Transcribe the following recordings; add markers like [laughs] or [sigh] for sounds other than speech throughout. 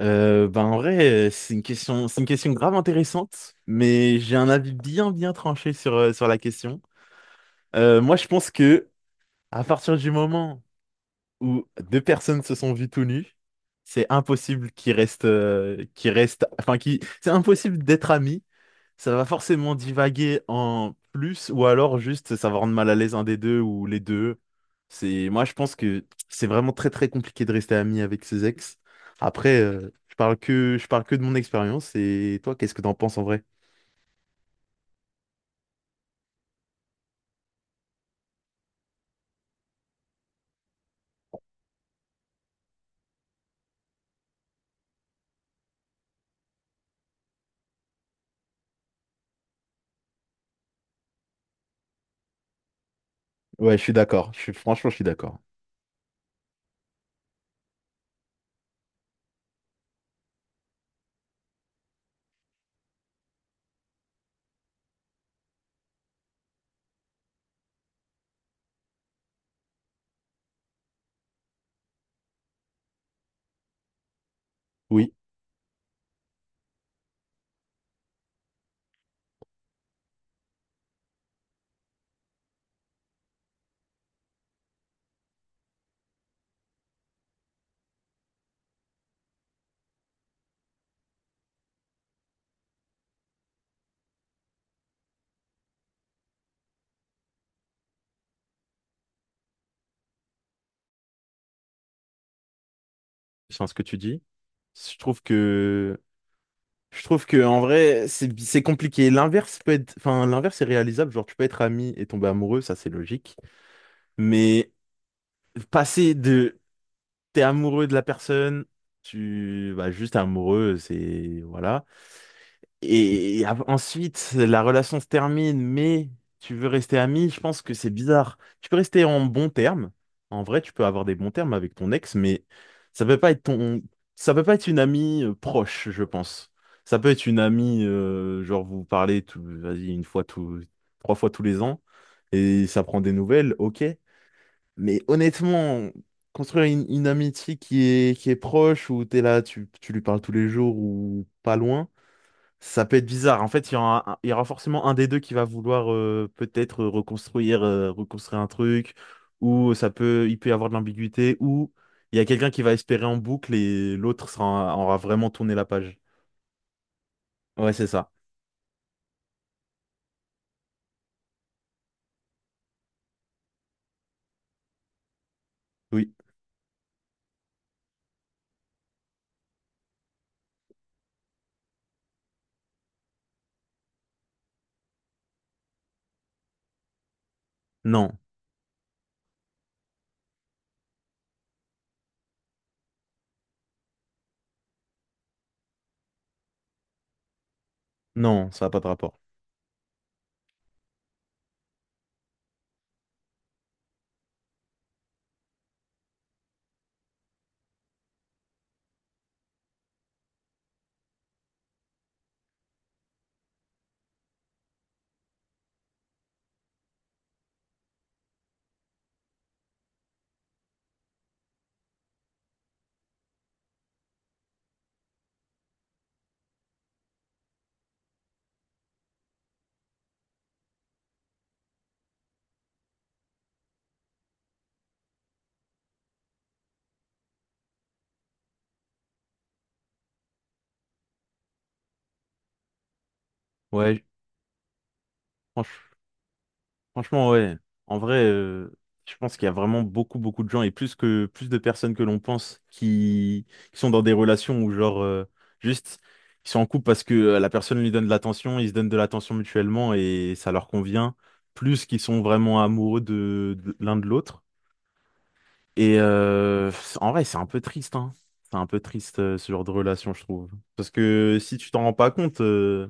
Bah en vrai, c'est une question grave intéressante, mais j'ai un avis bien bien tranché sur la question. Moi, je pense que à partir du moment où deux personnes se sont vues tout nues, c'est impossible qu'ils restent, enfin, qui, c'est impossible d'être amis. Ça va forcément divaguer en plus, ou alors juste ça va rendre mal à l'aise un des deux ou les deux. Moi, je pense que c'est vraiment très très compliqué de rester ami avec ses ex. Après, je parle que de mon expérience. Et toi, qu'est-ce que t'en penses en vrai? Ouais, je suis d'accord. Franchement, je suis d'accord. Oui, je sens ce que tu dis. Je trouve que Je trouve que en vrai, c'est compliqué. L'inverse peut être, enfin, L'inverse est réalisable. Genre, tu peux être ami et tomber amoureux, ça c'est logique. Mais passer de t'es amoureux de la personne, tu bah juste t'es amoureux, c'est voilà, et ensuite, la relation se termine, mais tu veux rester ami, je pense que c'est bizarre. Tu peux rester en bons termes. En vrai, tu peux avoir des bons termes avec ton ex, mais ça peut pas être ton... ça peut pas être une amie proche, je pense. Ça peut être une amie, genre vous parlez tout, vas-y, trois fois tous les ans, et ça prend des nouvelles, ok. Mais honnêtement, construire une amitié qui est proche, où t'es là, tu lui parles tous les jours ou pas loin. Ça peut être bizarre. En fait, il y aura forcément un des deux qui va vouloir peut-être reconstruire un truc, ou il peut y avoir de l'ambiguïté, ou il y a quelqu'un qui va espérer en boucle et l'autre aura vraiment tourné la page. Ouais, c'est ça. Oui. Non. Non, ça n'a pas de rapport. Ouais, franchement. Franchement, ouais. En vrai, je pense qu'il y a vraiment beaucoup, beaucoup de gens et plus que plus de personnes que l'on pense qui sont dans des relations où genre juste ils sont en couple parce que la personne lui donne de l'attention, ils se donnent de l'attention mutuellement et ça leur convient, plus qu'ils sont vraiment amoureux de l'un de l'autre. Et en vrai, c'est un peu triste, hein. C'est un peu triste ce genre de relation, je trouve. Parce que si tu t'en rends pas compte,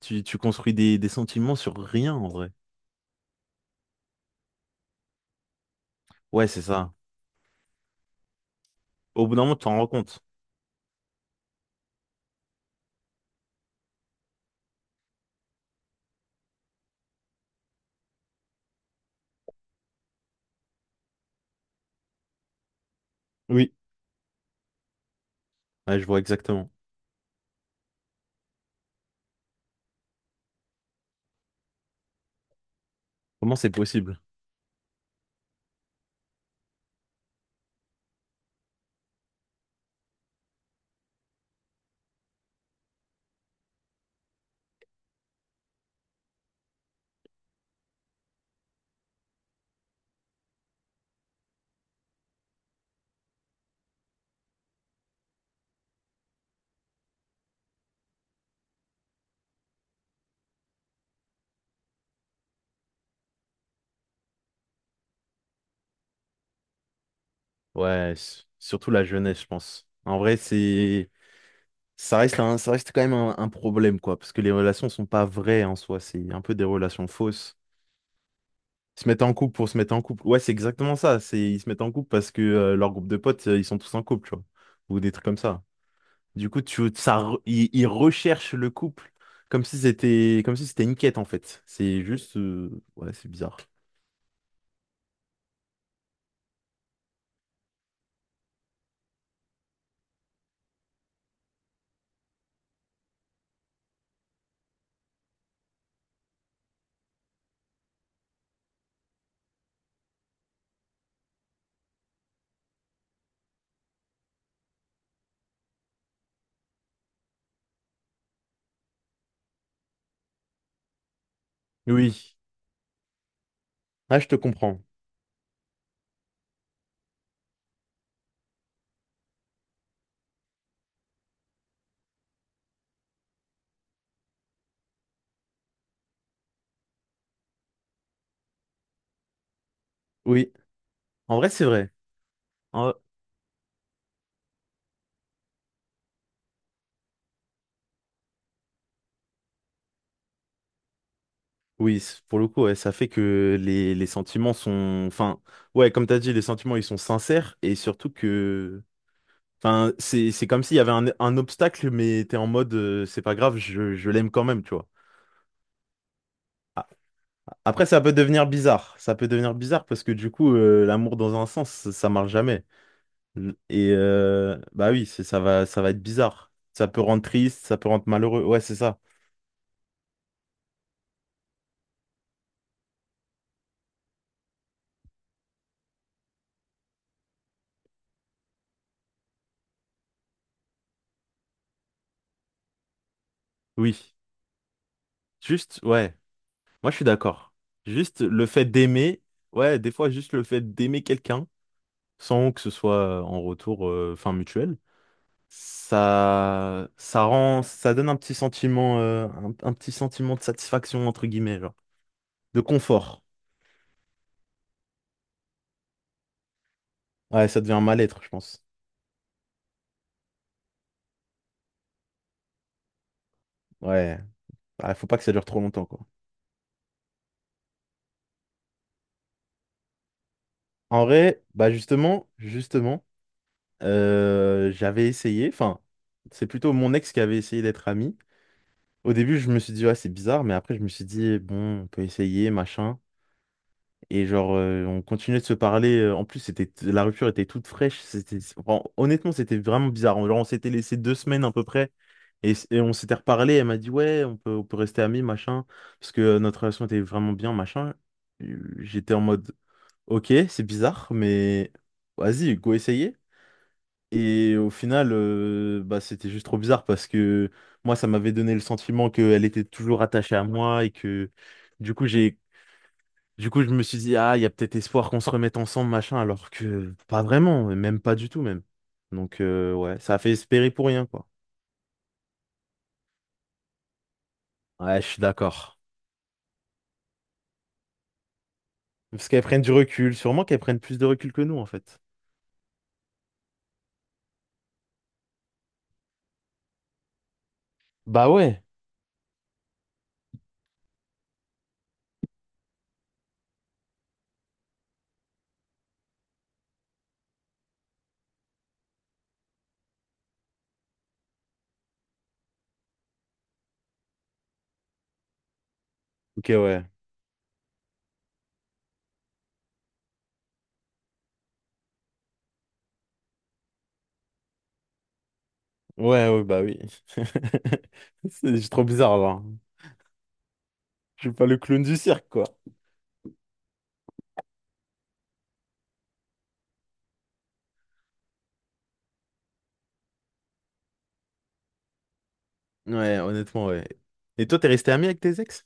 tu construis des sentiments sur rien en vrai. Ouais, c'est ça. Au bout d'un moment, tu t'en rends compte. Oui, ouais, je vois exactement. Comment c'est possible? Ouais, surtout la jeunesse, je pense. En vrai, c'est ça reste un- ça reste quand même un problème, quoi, parce que les relations sont pas vraies en soi, c'est un peu des relations fausses. Ils se mettent en couple pour se mettre en couple. Ouais, c'est exactement ça. C'est Ils se mettent en couple parce que leur groupe de potes, ils sont tous en couple, tu vois, ou des trucs comme ça. Du coup, tu ça re- ils recherchent le couple comme si c'était une quête en fait. C'est juste ouais, c'est bizarre. Oui. Ah, je te comprends. Oui, en vrai, c'est vrai. En- Oui, pour le coup, ouais, ça fait que les sentiments sont... Enfin, ouais, comme t'as dit, les sentiments, ils sont sincères et surtout que... Enfin, c'est comme s'il y avait un obstacle, mais t'es en mode, c'est pas grave, je l'aime quand même, tu vois. A- Après, ça peut devenir bizarre. Ça peut devenir bizarre parce que du coup, l'amour dans un sens, ça marche jamais. Et bah oui, ça va être bizarre. Ça peut rendre triste, ça peut rendre malheureux. Ouais, c'est ça. Oui. Juste, ouais. Moi, je suis d'accord. Juste le fait d'aimer, ouais, des fois, juste le fait d'aimer quelqu'un, sans que ce soit en retour, fin mutuel, ça donne un petit sentiment, un petit sentiment de satisfaction, entre guillemets, genre, de confort. Ouais, ça devient un mal-être, je pense. Ouais, ah, faut pas que ça dure trop longtemps, quoi. En vrai, bah justement, euh, j'avais essayé, enfin, c'est plutôt mon ex qui avait essayé d'être ami. Au début, je me suis dit, ouais, c'est bizarre, mais après, je me suis dit, bon, on peut essayer, machin. Et genre, on continuait de se parler. En plus, c'était la rupture était toute fraîche. Honnêtement, c'était vraiment bizarre. Genre, on s'était laissé 2 semaines à peu près. Et on s'était reparlé. Elle m'a dit, ouais, on peut rester amis, machin. Parce que notre relation était vraiment bien, machin. J'étais en mode, ok, c'est bizarre, mais vas-y, go essayer. Et au final, bah, c'était juste trop bizarre parce que moi, ça m'avait donné le sentiment qu'elle était toujours attachée à moi et que du coup, j'ai, du coup, je me suis dit, ah, il y a peut-être espoir qu'on se remette ensemble, machin, alors que pas vraiment, même pas du tout, même. Donc, ouais, ça a fait espérer pour rien, quoi. Ouais, je suis d'accord. Parce qu'elles prennent du recul, sûrement qu'elles prennent plus de recul que nous, en fait. Bah ouais. Ok, ouais. Ouais, ouais, bah oui. [laughs] C'est trop bizarre, là, hein. Je suis pas le clown du cirque, quoi. Ouais, honnêtement, ouais. Et toi, t'es resté ami avec tes ex?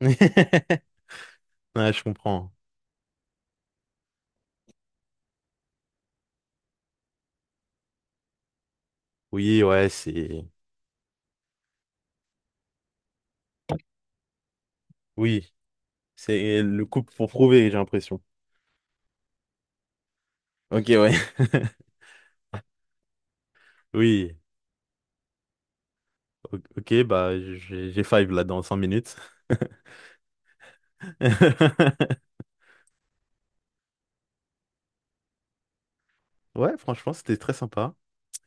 [laughs] Ouais, je comprends. Oui, ouais, c'est... Oui, c'est le couple pour prouver, j'ai l'impression. Ok, ouais. [laughs] Oui. Ok, bah, j'ai five là dans 5 minutes. [laughs] Ouais, franchement, c'était très sympa.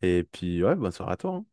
Et puis, ouais, bonne soirée à toi, hein.